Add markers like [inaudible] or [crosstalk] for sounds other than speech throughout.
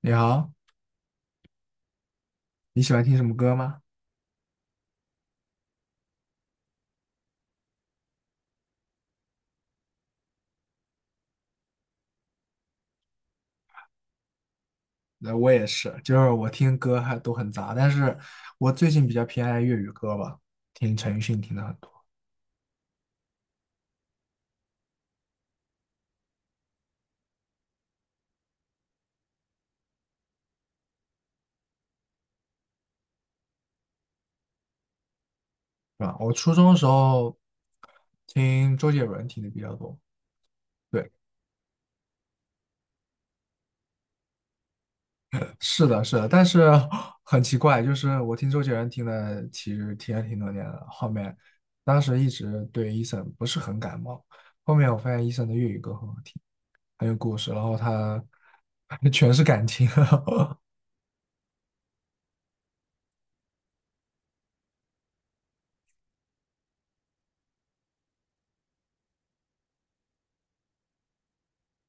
你好，你喜欢听什么歌吗？那我也是，就是我听歌还都很杂，但是我最近比较偏爱粤语歌吧，听陈奕迅听的很多。是吧？我初中的时候听周杰伦听的比较多。对，是的，是的，但是 [laughs] 很奇怪，就是我听周杰伦听的其实听了挺多年了，后面当时一直对 Eason 不是很感冒，后面我发现 Eason 的粤语歌很好听，很有故事，然后他 [laughs] 全是感情。[laughs]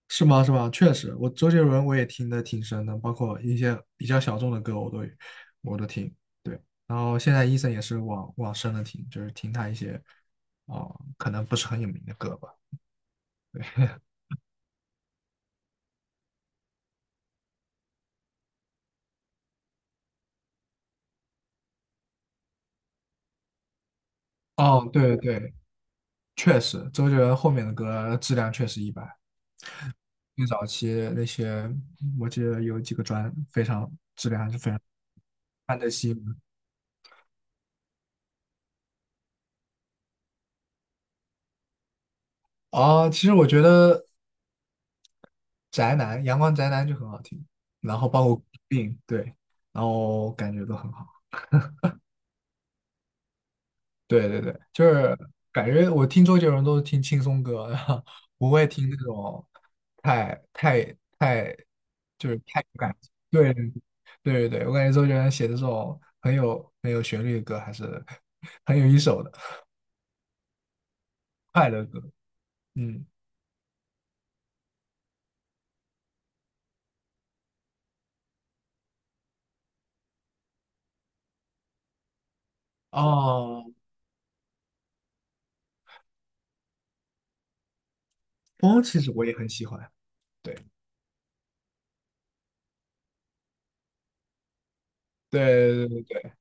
是吗？是吗？确实，我周杰伦我也听的挺深的，包括一些比较小众的歌我都听。对，然后现在 Eason 也是往深了听，就是听他一些哦，可能不是很有名的歌吧。哦，对对，确实，周杰伦后面的歌质量确实一般，最早期那些我记得有几个专非常质量还是非常。范特西吗？哦，其实我觉得宅男，阳光宅男就很好听，然后包括病，对，然后感觉都很好。对对对，就是感觉我听周杰伦都是听轻松歌 [laughs] 不会听那种太太太就是太有感情。对对对对，我感觉周杰伦写的这种很有旋律的歌还是 [laughs] 很有一手的快乐歌。嗯，哦，风其实我也很喜欢。对对对对对，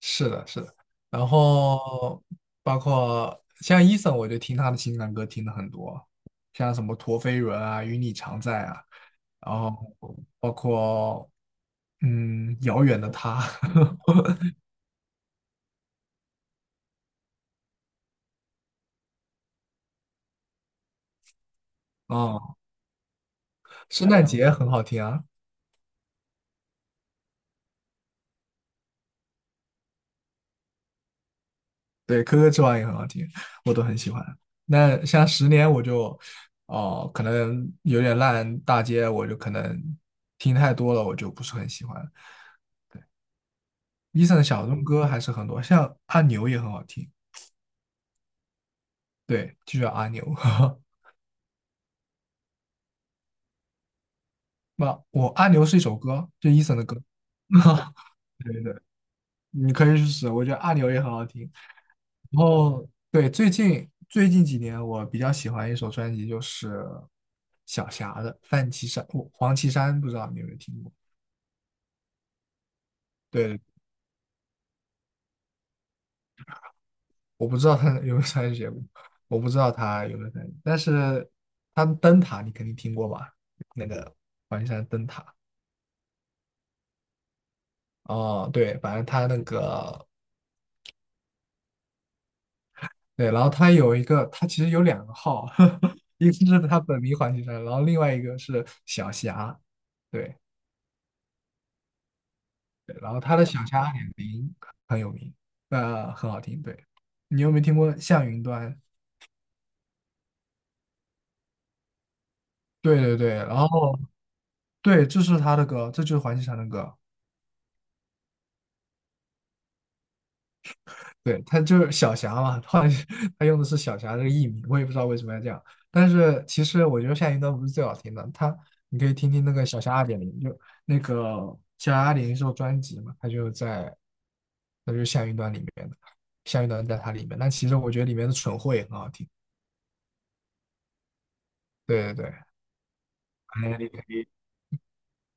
是的，是的，然后包括像 Eason，我就听他的情感歌听的很多，像什么陀飞轮啊、与你常在啊，然后包括遥远的他，[laughs] 哦，圣诞节很好听啊。对，可可之王也很好听，我都很喜欢。那像十年我就哦，可能有点烂大街，我就可能听太多了，我就不是很喜欢。Eason 的小众歌还是很多，像阿牛也很好听。对，就叫阿牛。[laughs] 那我阿牛是一首歌，就 Eason 的歌。[laughs] 对对，你可以去试，我觉得阿牛也很好听。然后对，最近几年我比较喜欢一首专辑，就是小霞的《范琪山》，我黄绮珊不知道你有没有听过？对，我不知道他有没有参与节目，我不知道他有没有参与，但是他的灯塔你肯定听过吧？那个黄绮珊灯塔。哦，对，反正他那个，对，然后他有一个，他其实有两个号，[laughs] 一个是他本名黄绮珊，然后另外一个是小霞，对，对，然后他的小霞二点零很有名，很好听，对，你有没有听过《向云端》？对对对，然后对，这是他的歌，这就是黄绮珊的歌，对，他就是小霞嘛，后来 [laughs] 他用的是小霞这个艺名，我也不知道为什么要这样。但是其实我觉得夏云端不是最好听的，他你可以听听那个小霞二点零，就那个小霞二点零是首专辑嘛，他就在，那就是夏云端里面的，夏云端在它里面。但其实我觉得里面的蠢货也很好听。对对对，哎，你可以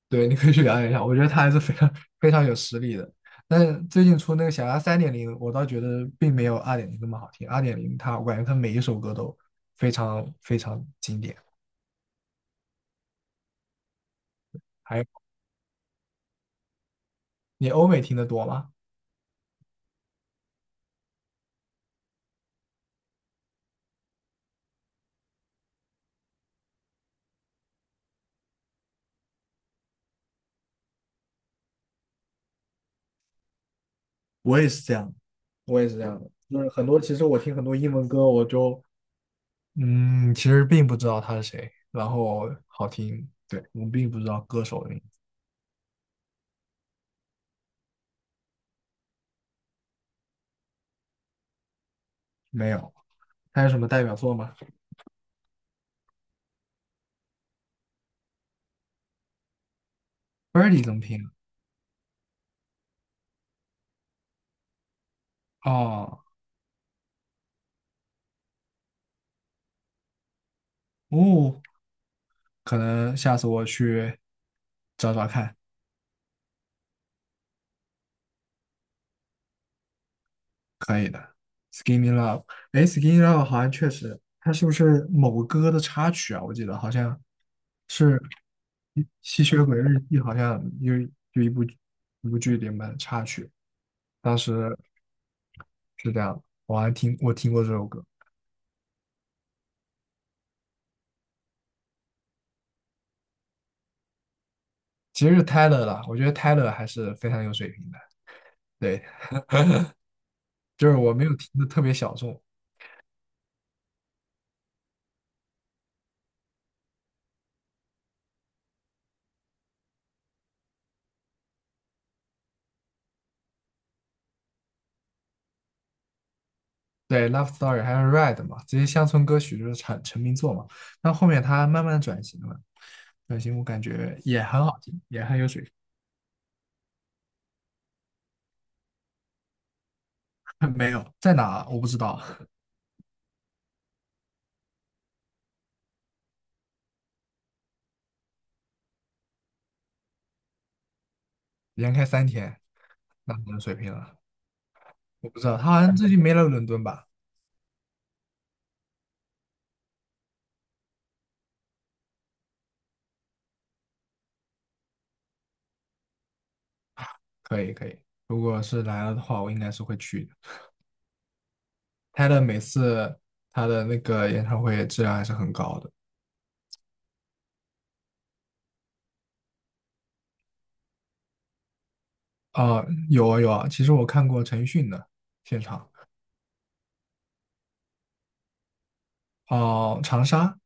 对，你可以去了解一下，我觉得他还是非常非常有实力的。但是最近出那个《小鸭3.0》，我倒觉得并没有二点零那么好听。二点零它，我感觉它每一首歌都非常非常经典。还有，你欧美听得多吗？我也是这样，我也是这样的，就是很多，其实我听很多英文歌，我就，其实并不知道他是谁，然后好听，对，我并不知道歌手的名字。没有。他有什么代表作吗？Birdy 怎么拼啊？哦，哦，可能下次我去找找看，可以的。Skinny Love，哎，Skinny Love 好像确实，它是不是某个歌的插曲啊？我记得好像是《吸血鬼日记》，好像有一部剧里面的插曲，当时是这样的，我听过这首歌。其实是 Tyler 啦，我觉得 Tyler 还是非常有水平的，对，就是我没有听的特别小众。对，《Love Story》还有《Red》嘛，这些乡村歌曲就是成名作嘛。但后面他慢慢转型了，转型我感觉也很好听，也很有水平。[laughs] 没有，在哪我不知道。连开3天，那可能水平了，我不知道。他好像最近没来伦敦吧？可以可以，如果是来了的话，我应该是会去的。他的每次他的那个演唱会质量还是很高的。哦，有啊有啊，其实我看过陈奕迅的现场。哦，长沙，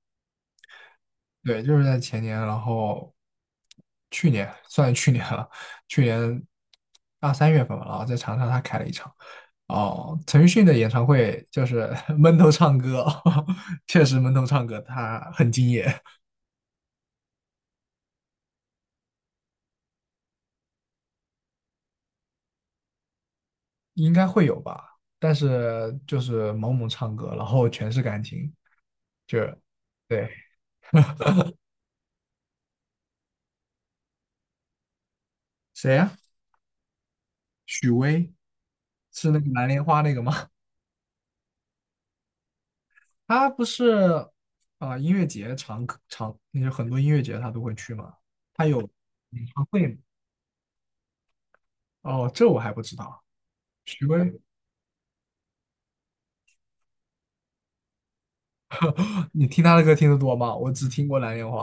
对，就是在前年，然后去年算是去年了，去年二三月份吧，然后在长沙他开了一场。哦，陈奕迅的演唱会就是 [laughs] 闷头唱歌，[laughs] 确实闷头唱歌，他很敬业。应该会有吧，但是就是猛猛唱歌，然后全是感情，就是对。谁呀？许巍，是那个蓝莲花那个吗？[laughs] 他不是啊，音乐节常常，那就很多音乐节他都会去吗？演唱会吗？哦，这我还不知道。许巍，[laughs] 你听他的歌听得多吗？我只听过《蓝莲花》。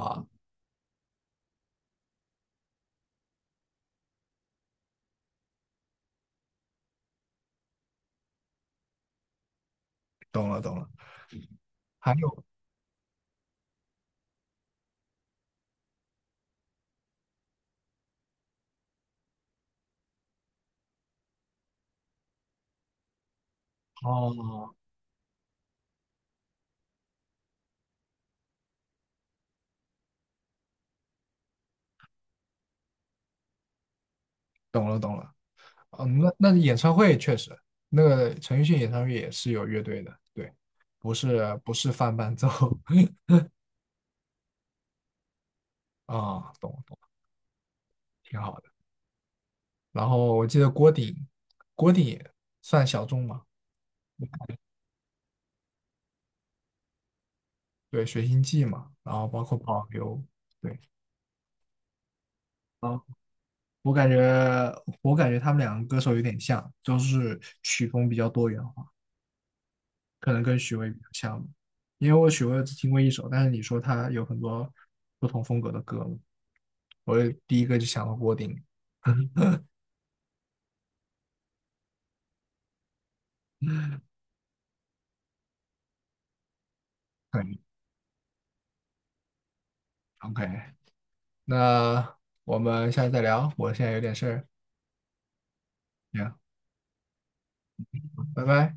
懂了，懂了。还有，哦，懂了，懂了。嗯，那演唱会确实，那个陈奕迅演唱会也是有乐队的，对，不是放伴奏 [laughs] 啊，懂懂，挺好的。然后我记得郭顶，郭顶也算小众嘛。对，《水星记》嘛，然后包括保留。对，啊。我感觉，我感觉他们两个歌手有点像，就是曲风比较多元化，可能跟许巍比较像吧。因为我许巍只听过一首，但是你说他有很多不同风格的歌嘛，我第一个就想到郭顶。[laughs] 可以，OK，那我们下次再聊，我现在有点事儿。行，拜拜。